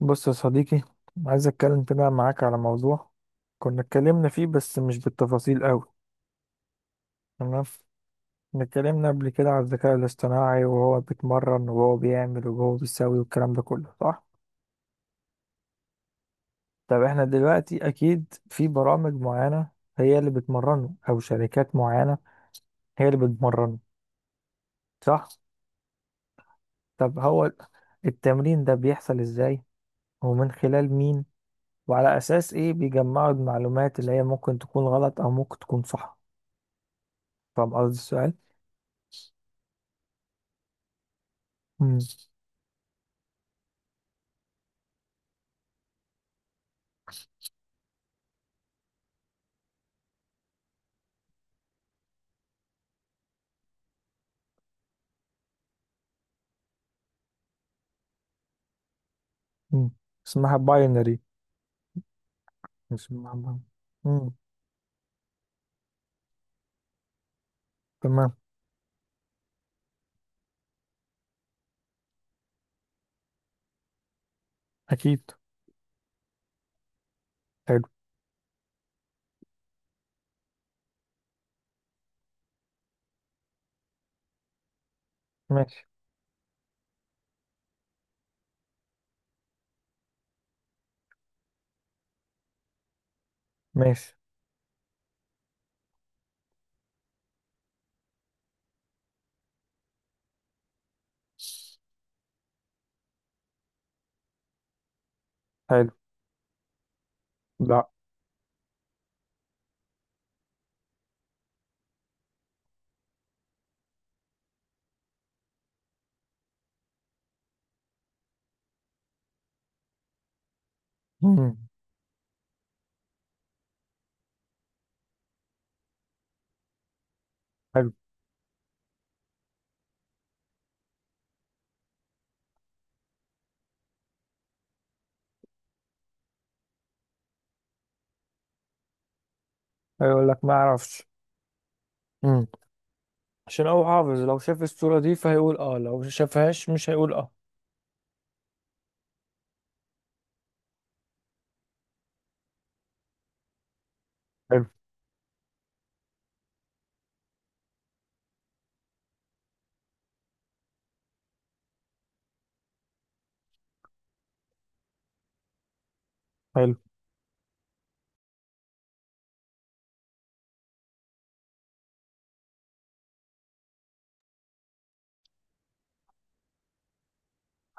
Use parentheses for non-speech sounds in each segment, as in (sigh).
بص يا صديقي، عايز اتكلم كده معاك على موضوع كنا اتكلمنا فيه بس مش بالتفاصيل قوي. تمام. كنا اتكلمنا قبل كده على الذكاء الاصطناعي، وهو بيتمرن وهو بيعمل وهو بيسوي والكلام ده كله صح. طب احنا دلوقتي اكيد في برامج معينة هي اللي بتمرنه، او شركات معينة هي اللي بتمرنه، صح؟ طب هو التمرين ده بيحصل ازاي؟ ومن خلال مين؟ وعلى اساس ايه بيجمعوا المعلومات اللي هي ممكن تكون غلط او ممكن تكون صح؟ فاهم قصدي السؤال؟ مم. مم. اسمها باينري. اسمها باينري. مم. تمام. اكيد. حلو. ماشي. ماشي. حلو. لا. مم. حلو. هيقول لك ما اعرفش. مم. عشان هو حافظ، لو شاف الصورة دي فهيقول اه، لو ما شافهاش مش هيقول اه. حلو. حلو.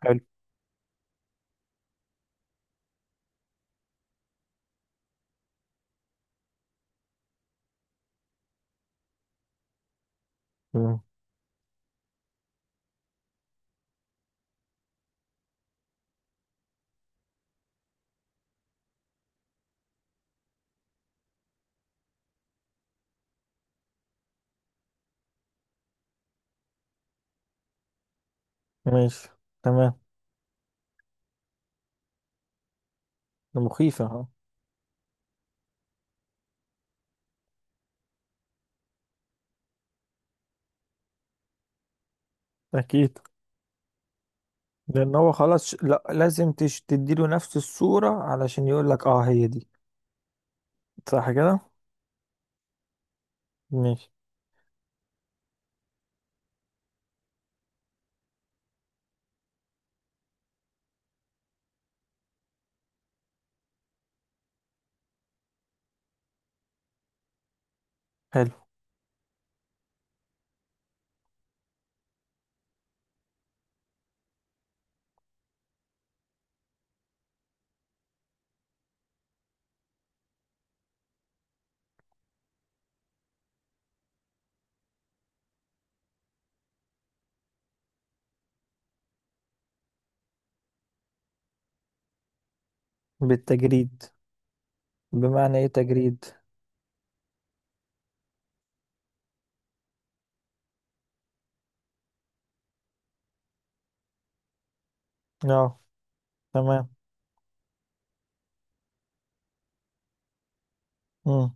حلو. مم. ماشي. تمام. ده مخيفة اه. اكيد. لان هو خلاص لا، لازم تديله نفس الصورة علشان يقول لك اه هي دي. صح كده؟ ماشي. حلو. بالتجريد. بمعنى ايه تجريد؟ اه. تمام. امم.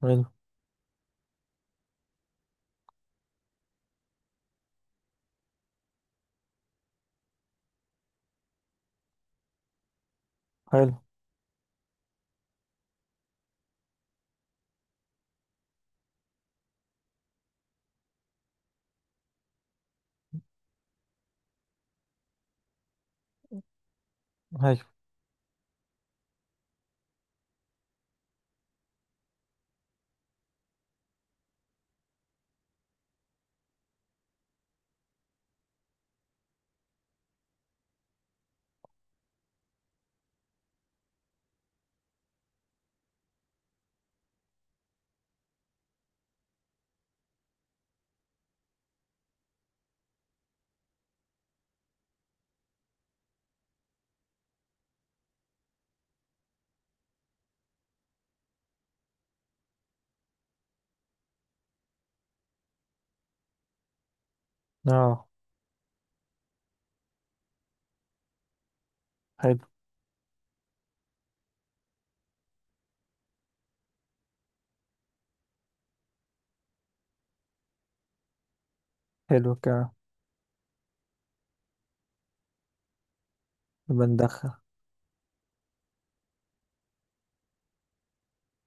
حلو. حلو. حلو. اه. حلو. حلو كده. يبقى ندخل.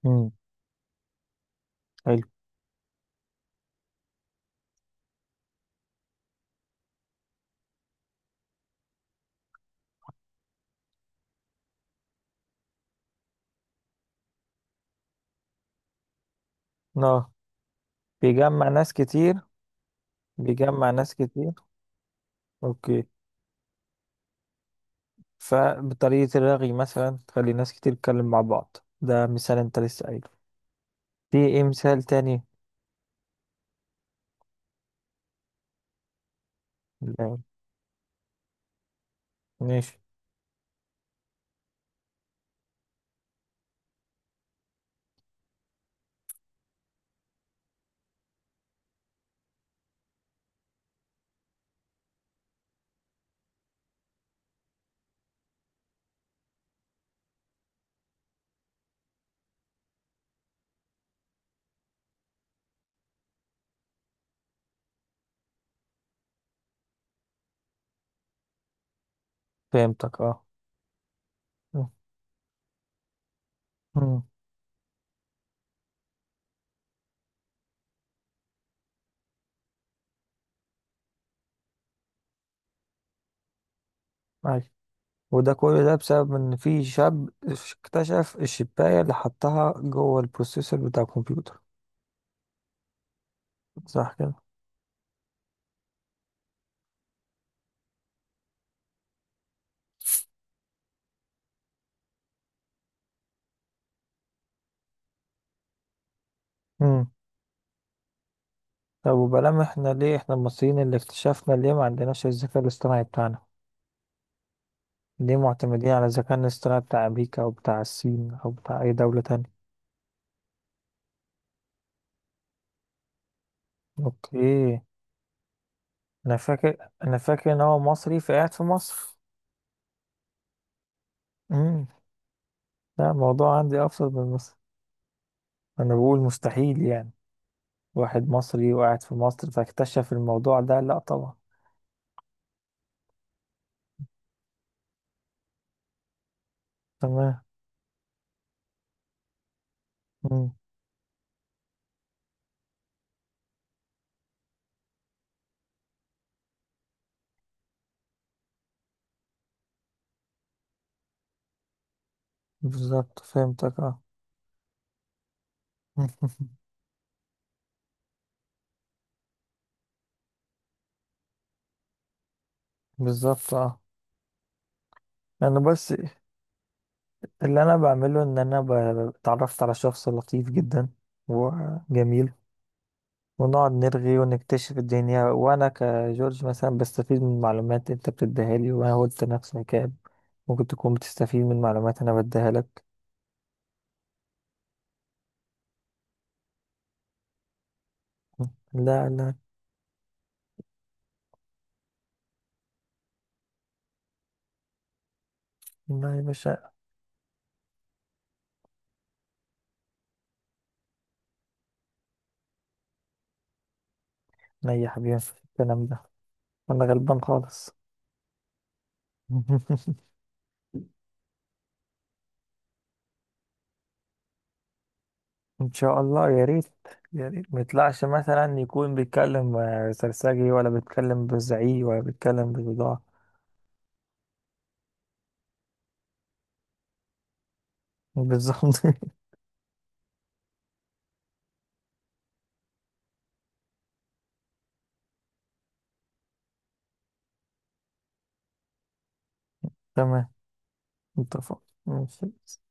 امم. حلو. اه. بيجمع ناس كتير. بيجمع ناس كتير. اوكي. فبطريقة الرغي مثلا تخلي ناس كتير تتكلم مع بعض، ده مثال انت لسه قايله. في ايه مثال تاني؟ لا، ماشي. فهمتك اه. امم. ايوه. وده كل ده بسبب ان في شاب اكتشف الشباية اللي حطها جوه البروسيسور بتاع الكمبيوتر. صح كده؟ طب وبلام احنا، ليه احنا المصريين اللي اكتشفنا ليه ما عندناش الذكاء الاصطناعي بتاعنا؟ ليه معتمدين على الذكاء الاصطناعي بتاع امريكا او بتاع الصين او بتاع اي دولة تانية؟ اوكي. انا فاكر، انا فاكر ان هو مصري فقاعد في مصر. امم. لا، الموضوع عندي ابسط من مصر. انا بقول مستحيل يعني واحد مصري وقاعد في مصر فاكتشف الموضوع ده، لا طبعا. تمام. امم. بالظبط، فهمتك اه. (laughs) بالظبط اه. انا بس، اللي انا بعمله ان انا اتعرفت على شخص لطيف جدا وجميل، ونقعد نرغي ونكتشف الدنيا، وانا كجورج مثلا بستفيد من معلومات انت بتديها لي. وانا قلت نفس الكلام، ممكن تكون بتستفيد من معلومات انا بديها لك. لا، لا يا باشا، انا يا حبيبي مفيش الكلام ده، انا غلبان خالص. (laughs) ان شاء الله، يا ريت. يا ريت ما يطلعش مثلا يكون بيتكلم سرسجي، ولا بيتكلم بزعيق، ولا بيتكلم بضاعة. بالظبط. (laughs) تمام. اتفق. ماشي.